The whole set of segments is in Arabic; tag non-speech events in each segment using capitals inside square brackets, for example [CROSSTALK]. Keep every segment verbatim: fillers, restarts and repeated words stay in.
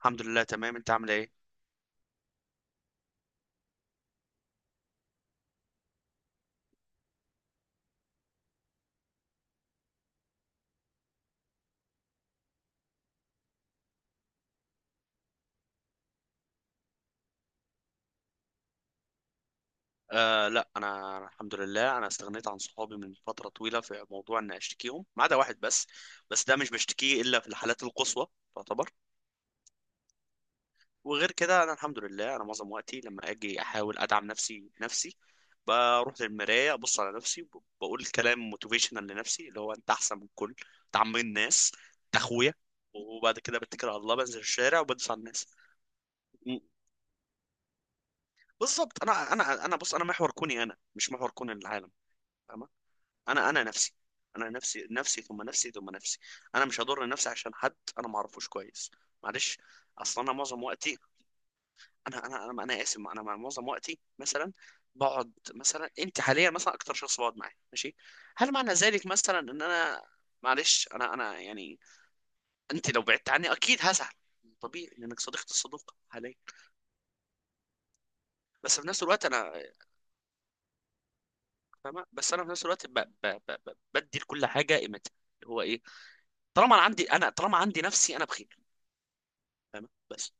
الحمد لله، تمام. انت عامل ايه؟ آه لا، انا أنا الحمد لله. انا استغنيت عن صحابي من فتره طويله في موضوع ان اشتكيهم، ما عدا واحد بس. بس ده مش بشتكيه الا في الحالات القصوى، تعتبر. وغير كده انا الحمد لله، انا معظم وقتي لما اجي احاول ادعم نفسي بنفسي. بروح للمرايه، ابص على نفسي، ب- بقول كلام موتيفيشنال لنفسي، اللي هو: انت احسن من الكل، انت عم الناس، انت اخويا. وبعد كده بتكل على الله، بنزل الشارع وبدوس على الناس. م- بالظبط. انا انا انا بص، انا محور كوني، انا مش محور كون العالم. فاهمة؟ انا انا نفسي، انا نفسي نفسي ثم نفسي ثم نفسي. انا مش هضر نفسي عشان حد انا ما اعرفوش كويس، معلش. اصلا انا معظم وقتي، انا انا انا, أنا اسف، انا معظم وقتي مثلا بقعد. مثلا انت حاليا مثلا اكتر شخص بقعد معاه، ماشي. هل معنى ذلك مثلا ان انا، معلش، انا انا يعني، انت لو بعدت عني اكيد هزعل، طبيعي، لانك صديقتي الصدوق حاليا. بس في نفس الوقت انا، فاهمه؟ بس انا في نفس الوقت ب... ب... ب... ب- بدي لكل حاجه قيمتها، اللي هو ايه؟ طالما انا عندي، انا طالما عندي نفسي، انا بخير. فاهمة؟ بس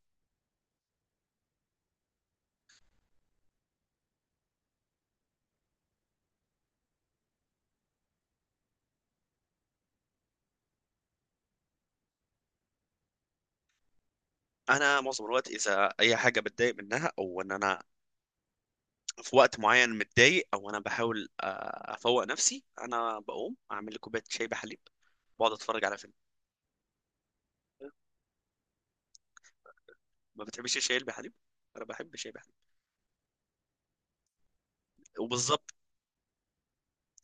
انا معظم الوقت، اذا اي حاجه بتضايق منها، او ان انا في وقت معين متضايق، او انا بحاول آه، افوق نفسي، انا بقوم اعمل لي كوبايه شاي بحليب، بقعد اتفرج على فيلم. ما بتحبش الشاي بحليب؟ انا بحب الشاي بحليب. وبالظبط،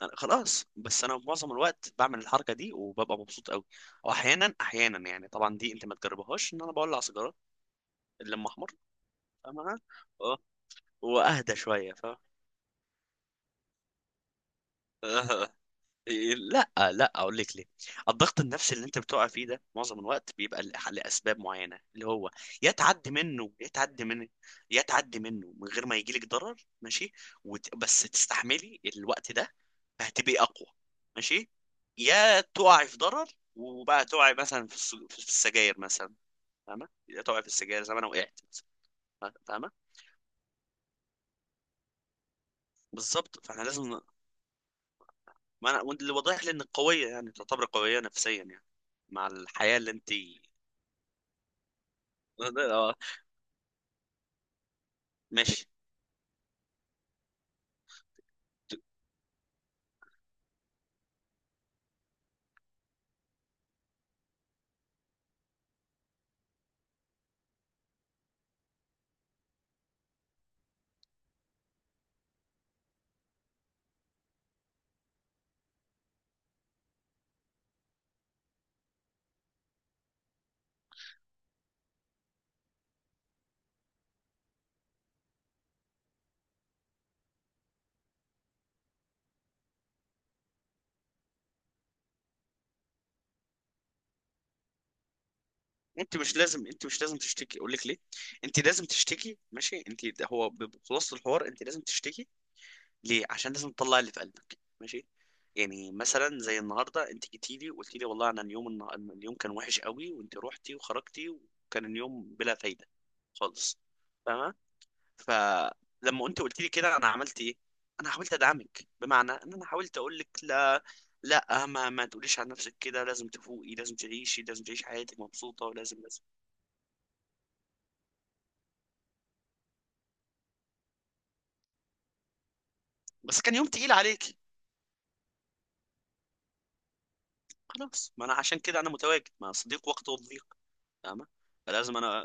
أنا خلاص. بس انا معظم الوقت بعمل الحركه دي وببقى مبسوط قوي. واحيانا احيانا، يعني طبعا دي انت ما تجربهاش، ان انا بولع سيجاره اللي لما احمر، فاهمة؟ اه. واهدى شويه، فاهم. [LAUGHS] لا لا، اقول لك ليه. الضغط النفسي اللي انت بتقع فيه ده معظم الوقت بيبقى ل- لاسباب معينه، اللي هو: يا تعدي منه، يا تعدي منه، يا تعدي منه من غير ما يجيلك ضرر، ماشي. وت... بس تستحملي الوقت ده فهتبقي اقوى، ماشي. يا تقعي في ضرر وبقى تقعي مثلا في الس- في السجاير مثلا، فاهمه؟ يا تقعي في السجاير زي ما انا وقعت مثلا، فاهمه؟ بالظبط. فاحنا لازم. ما انا وأنت اللي واضح لي انك قويه، يعني تعتبري قويه نفسيا يعني، مع الحياه اللي انت. آه، ماشي. انت مش لازم، انت مش لازم تشتكي. اقول لك ليه؟ انت لازم تشتكي، ماشي؟ انت هو بخلاصه الحوار انت لازم تشتكي. ليه؟ عشان لازم تطلع اللي في قلبك، ماشي؟ يعني مثلا زي النهارده انت جيتي لي وقلت لي والله انا اليوم النه- اليوم كان وحش قوي، وانت روحتي وخرجتي، وكان اليوم بلا فايده خالص. فلما انت قلت لي كده انا عملت ايه؟ انا حاولت ادعمك، بمعنى ان انا حاولت اقول لك: لا، لا ما ما تقوليش عن نفسك كده، لازم تفوقي، لازم تعيشي، لازم تعيشي حياتك مبسوطه، ولازم لازم. بس كان يوم تقيل عليك. خلاص، ما انا عشان كده انا متواجد مع صديق وقته الضيق، فاهمه؟ فلازم انا،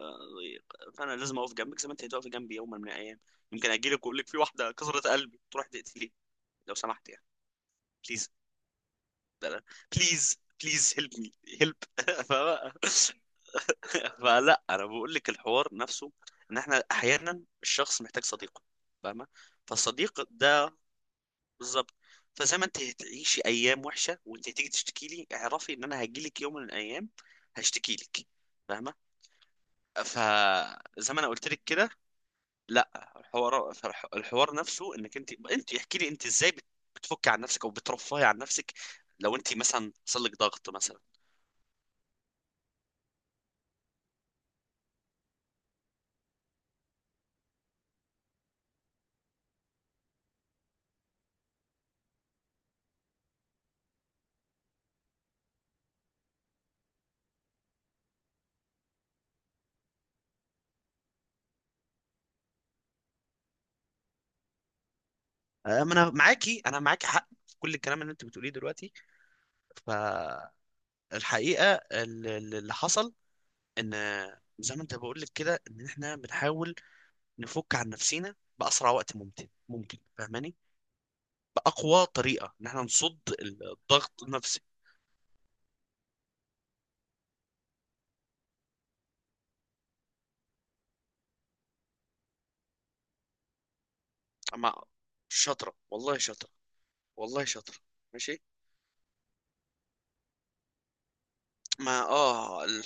فانا لازم اقف جنبك زي ما انت هتقفي جنبي يوما من الايام. يمكن اجي لك واقول لك في واحده كسرت قلبي، تروح تقتليه لو سمحت يعني. بليز. بليز. بليز هيلب مي. هيلب. [LAUGHS] [LAUGHS] فلا، انا بقول لك الحوار نفسه، ان احنا احيانا الشخص محتاج صديق، فاهمه؟ فالصديق ده بالظبط. فزي ما انت هتعيشي ايام وحشه وانت هتيجي تشتكي لي، اعرفي ان انا هجي لك يوم من الايام هشتكي لك، فاهمه؟ فزي ما انا قلت لك كده، لا، الحوار فالح- الحوار نفسه، انك انت انت احكي لي انت ازاي بت- بتفكي عن نفسك او بترفهي عن نفسك لو انت مثلا حصل لك ضغط مثلا. أه، ما انا معاكي، انا معاكي حق في كل الكلام اللي انت بتقوليه دلوقتي. ف، الحقيقة ال- ال- اللي حصل، ان زي ما انت بقول لك كده، ان احنا بنحاول نفك عن نفسينا بأسرع وقت ممكن، ممكن فاهماني، بأقوى طريقة ان احنا نصد الضغط النفسي مع، شاطرة والله، شاطرة، والله شاطرة، ماشي. ما اه ال-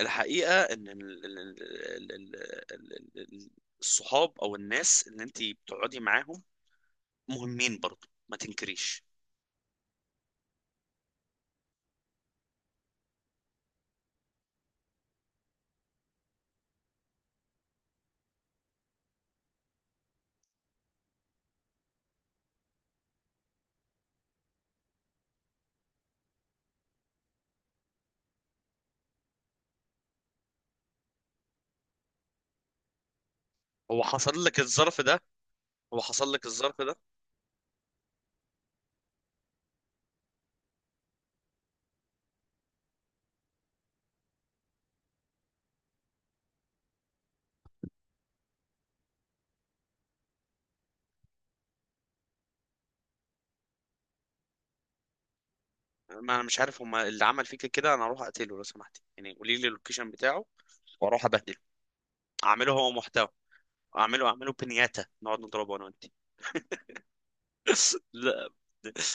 الحقيقة ان ال- ال- ال- ال- ال- ال- الصحاب او الناس اللي انت بتقعدي معاهم مهمين برضه، ما تنكريش. هو حصل لك الظرف ده، هو حصل لك الظرف ده؟ ما انا مش عارف، هما اللي عمل فيك كده انا اروح اقتله لو سمحت يعني، قولي لي اللوكيشن بتاعه واروح ابهدله. اعمله هو محتوى، اعمله اعمله بنياتا، نقعد نضربه انا وانت. [LAUGHS] لا،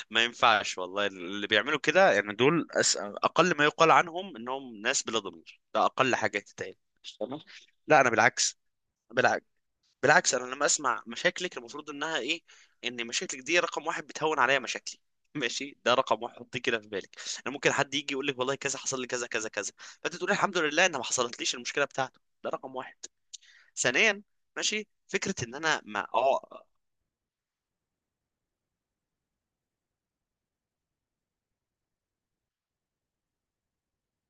ما ينفعش والله. اللي بيعملوا كده يعني دول أس... اقل ما يقال عنهم انهم ناس بلا ضمير، ده اقل حاجه تتقال، تمام؟ لا، انا بالعكس، بالعكس، بالعكس. انا لما اسمع مشاكلك المفروض انها ايه؟ ان مشاكلك دي رقم واحد بتهون عليا مشاكلي. [LAUGHS] ماشي، ده رقم واحد، حطيه كده في بالك. انا ممكن حد يجي يقول لك والله كذا حصل لي كذا كذا كذا، فانت تقول الحمد لله ان ما حصلتليش المشكله بتاعته، ده رقم واحد. ثانيا، ماشي، فكره ان انا ما اه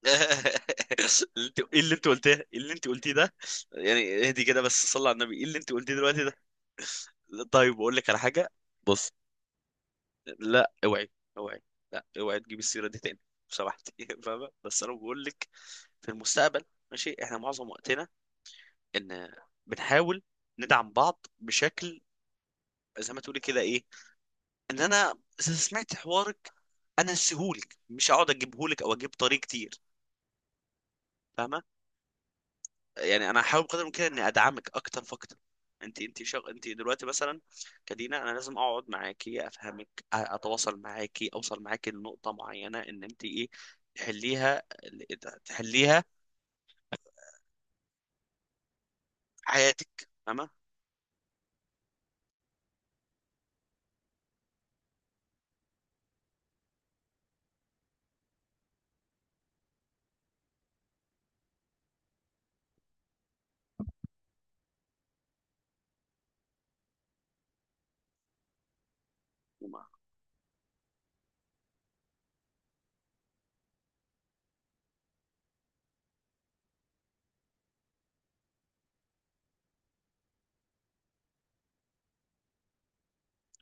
[LAUGHS] اللي انت- ايه اللي انت قلتيه؟ إيه اللي انت قلتيه ده؟ يعني اهدي كده، بس صلي على النبي، ايه اللي انت قلتيه دلوقتي ده؟ طيب اقول لك على حاجه. لا اوعي، اوعي، لا اوعي تجيب السيره دي تاني لو سمحت. [LAUGHS] فاهمه؟ بس انا بقول لك في المستقبل، ماشي؟ احنا معظم وقتنا، ان بنحاول ندعم بعض بشكل زي ما تقولي كده ايه، ان انا سمعت حوارك، انا اسهولك، مش هقعد اجيبهولك او اجيب طريق كتير، فاهمه؟ يعني انا هحاول بقدر الامكان اني ادعمك اكتر فاكتر. انت انت شغ... انت دلوقتي مثلا كدينا انا لازم اقعد معاكي، افهمك، أ- اتواصل معاكي، اوصل معاكي لنقطه معينه، ان انت ايه، تحليها، تحليها في حياتك، تمام.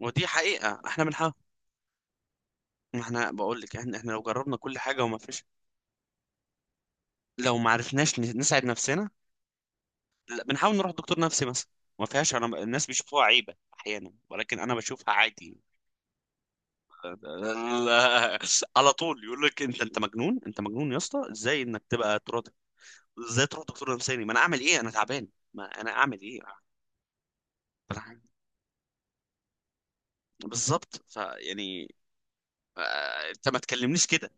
ودي حقيقه، احنا بنحاول. احنا بقول لك احنا احنا لو جربنا كل حاجه وما فيش، لو ما عرفناش ن- نساعد نفسنا، لا، بنحاول نروح دكتور نفسي مثلا، ما فيهاش. انا الناس بيشوفوها عيبه احيانا، ولكن انا بشوفها عادي. [LAUGHS] على طول يقول لك انت انت مجنون، انت مجنون يا اسطى، ازاي انك تبقى تروح؟ ازاي تروح دكتور نفساني؟ ما انا اعمل ايه انا تعبان؟ ما انا اعمل ايه؟ أنا- بالظبط. فيعني آه، انت ما تكلمنيش كده.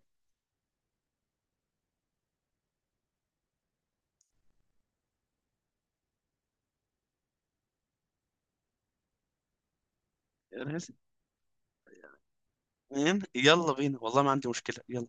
فاهم؟ يلا بينا والله، ما عندي مشكلة. يلا.